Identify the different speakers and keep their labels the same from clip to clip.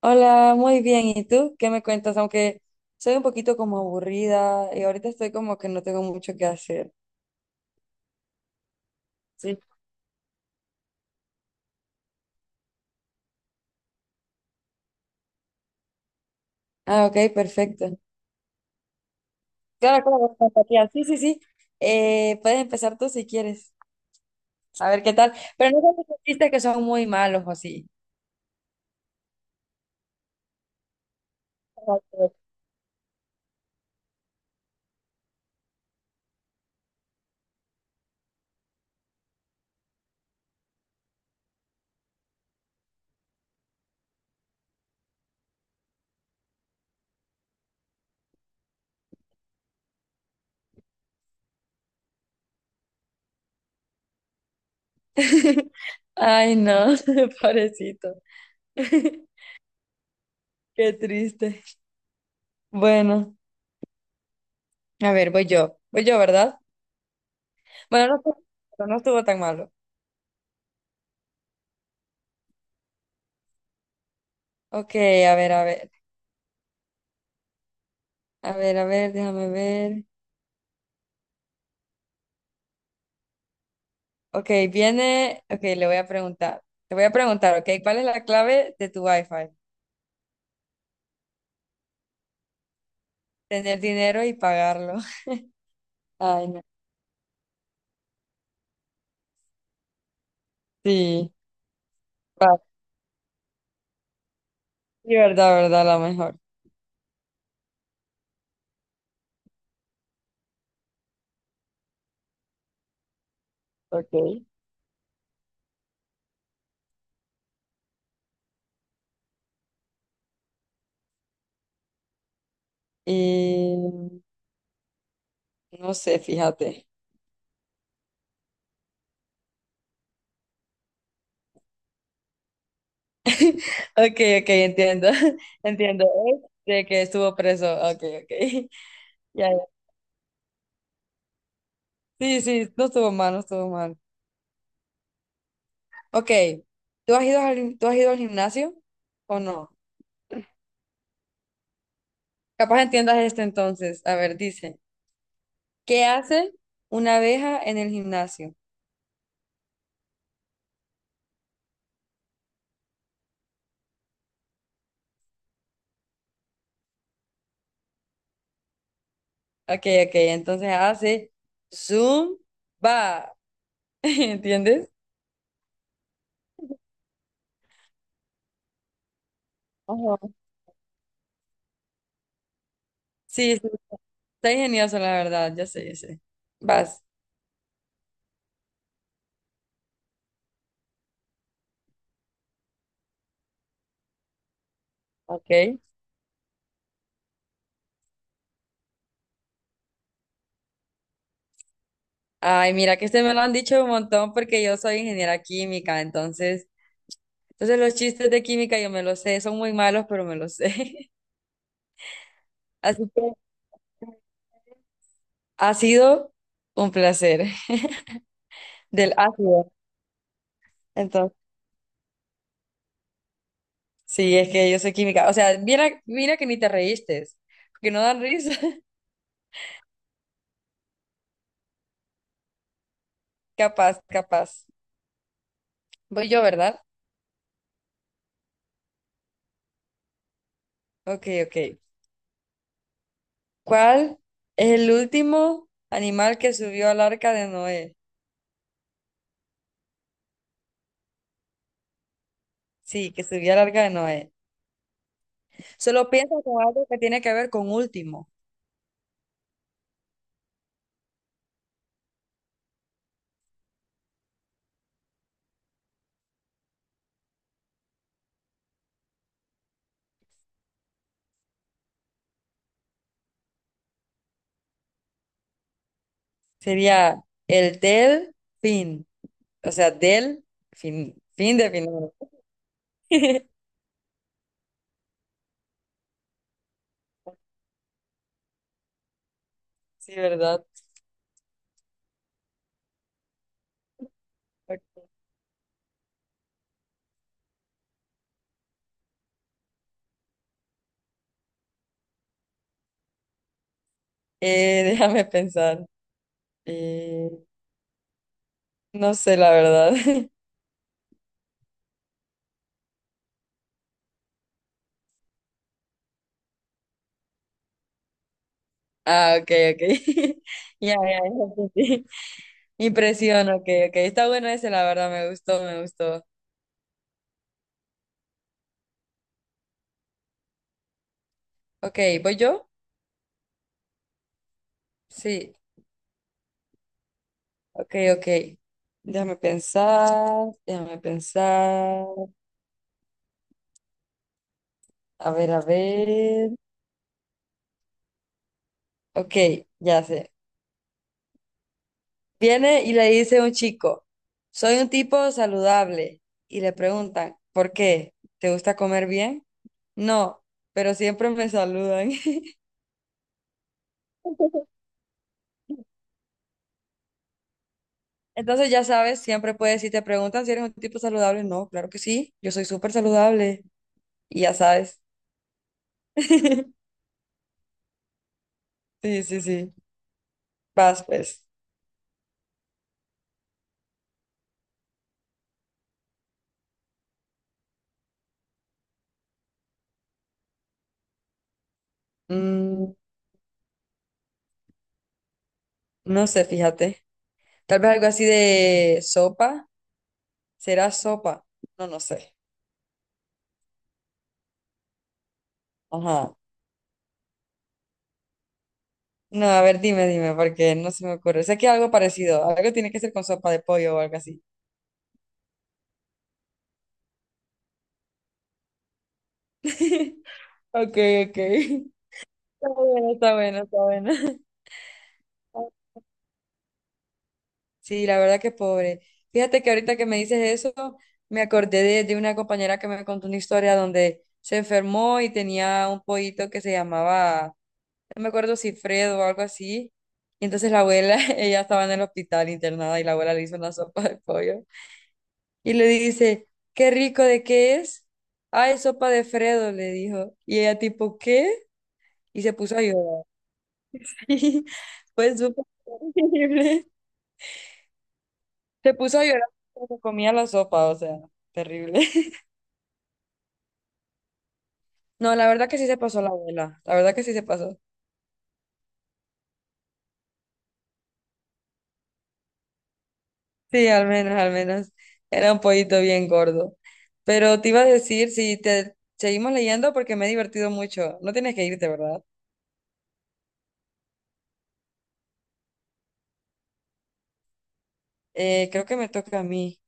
Speaker 1: Hola, muy bien. ¿Y tú? ¿Qué me cuentas? Aunque soy un poquito como aburrida y ahorita estoy como que no tengo mucho que hacer. Sí. Ah, ok, perfecto. Claro, claro, empatía. Sí, sí, sí. Puedes empezar tú si quieres. A ver qué tal. Pero no sé si dijiste que son muy malos o sí. Ay, no, pobrecito. Qué triste. Bueno, a ver, voy yo. Voy yo, ¿verdad? Bueno, no, no estuvo tan malo. Ok, a ver, a ver. A ver, a ver, déjame ver. Ok, viene, ok, le voy a preguntar. Te voy a preguntar, ok, ¿cuál es la clave de tu Wi-Fi? Tener dinero y pagarlo. Ay, no. Sí, va. Sí, verdad, verdad, la mejor. Ok. Y no sé, fíjate. Ok, ok, entiendo. Entiendo. Es de que estuvo preso. Ok, ok. Ya, ya. Sí, sí, no estuvo mal, no estuvo mal. Ok, ¿tú has ido tú has ido al gimnasio o no? Capaz entiendas este entonces. A ver, dice. ¿Qué hace una abeja en el gimnasio? Ok, ok, entonces hace zoom, va. ¿Entiendes? Ajá. Sí, sí, está ingenioso, la verdad, ya sé, ya sé. Vas, ok. Ay, mira que este me lo han dicho un montón porque yo soy ingeniera química, entonces los chistes de química yo me los sé, son muy malos, pero me los sé. Así que ha sido un placer del ácido. Entonces. Sí, es que yo soy química. O sea, mira, mira que ni te reíste, que no dan risa. Capaz, capaz. Voy yo, ¿verdad? Ok, ok. ¿Cuál es el último animal que subió al arca de Noé? Sí, que subió al arca de Noé. Solo piensa con algo que tiene que ver con último. Sería el del fin. O sea, del fin, fin de final. Sí, ¿verdad? Déjame pensar. Eh, no sé, la verdad. Ah, ok, ok. Ya, ya, ya, sí, sí. Impresión, ok, ok. Está bueno ese, la verdad, me gustó, me gustó. Ok, ¿voy yo? Sí, ok, ok. Déjame pensar, déjame pensar. A ver, a ver. Ok, ya sé. Viene y le dice un chico, soy un tipo saludable. Y le preguntan, ¿por qué? ¿Te gusta comer bien? No, pero siempre me saludan. Entonces, ya sabes, siempre puedes, si te preguntan si eres un tipo saludable, no, claro que sí, yo soy súper saludable y ya sabes. Sí, sí, sí. Vas, pues. Mm, no sé, fíjate. Tal vez algo así de sopa. ¿Será sopa? No, no sé. Ajá. No, a ver, dime, dime, porque no se me ocurre. Sé que algo parecido, algo tiene que ser con sopa de pollo o algo así. Ok, ok. Está bueno, está bueno, está bueno. Sí, la verdad que pobre. Fíjate que ahorita que me dices eso, me acordé de una compañera que me contó una historia donde se enfermó y tenía un pollito que se llamaba, no me acuerdo si Fredo o algo así. Y entonces la abuela, ella estaba en el hospital internada y la abuela le hizo una sopa de pollo. Y le dice, qué rico, ¿de qué es? Ah, es sopa de Fredo, le dijo. Y ella tipo, ¿qué? Y se puso a llorar. Pues súper horrible. Se puso a llorar porque se comía la sopa, o sea, terrible. No, la verdad que sí se pasó la abuela, la verdad que sí se pasó. Sí, al menos, al menos. Era un pollito bien gordo. Pero te iba a decir, si te seguimos leyendo porque me he divertido mucho. No tienes que irte, ¿verdad? Creo que me toca a mí.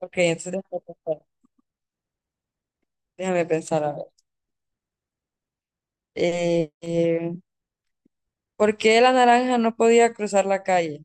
Speaker 1: Ok, entonces déjame pensar, a ver. Eh, eh, ¿Por qué la naranja no podía cruzar la calle?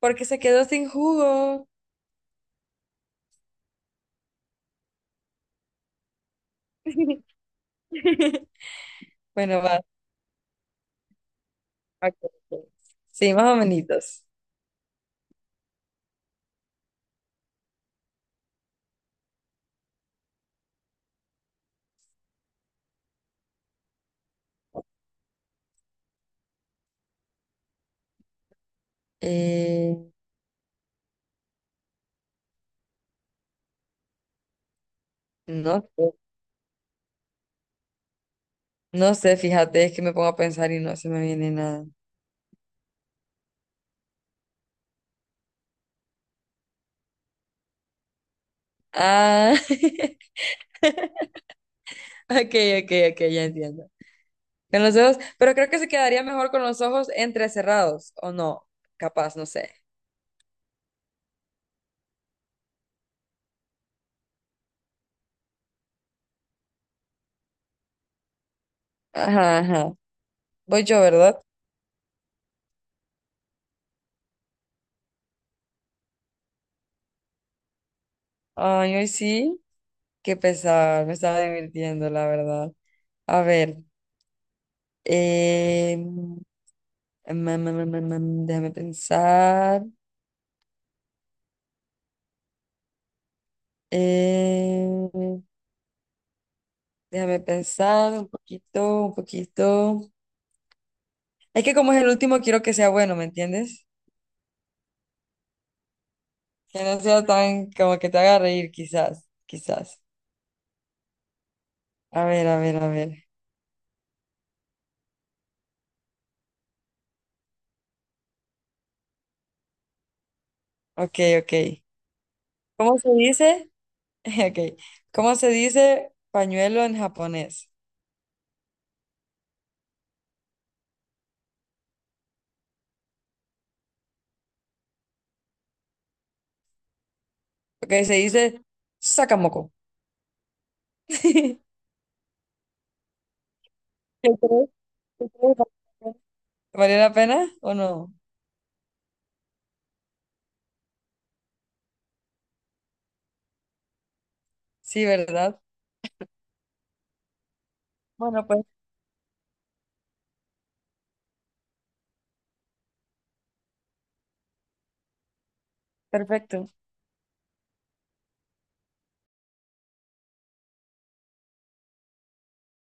Speaker 1: Porque se quedó sin jugo. Bueno, va. Ok, ok. Sí, más o menos. Eh, no, sé, no sé, fíjate, es que me pongo a pensar y no se me viene nada. Ah, ok, ok, ok, ya entiendo. Con los ojos, pero creo que se quedaría mejor con los ojos entrecerrados, o no, capaz, no sé. Ajá, ajá. Voy yo, ¿verdad? Ay, hoy sí, qué pesar, me estaba divirtiendo, la verdad. A ver, eh, mm, mm, mm, mm, déjame pensar. Eh, Déjame pensar un poquito, un poquito. Es que como es el último, quiero que sea bueno, ¿me entiendes? Que no sea tan como que te haga reír, quizás, quizás. A ver, a ver, a ver. Ok, ok. ¿Cómo se dice? Ok. ¿Cómo se dice pañuelo en japonés? Ok, se dice sakamoko. ¿Qué crees? ¿Qué crees? ¿Valió la pena o no? Sí, ¿verdad? Bueno, pues perfecto.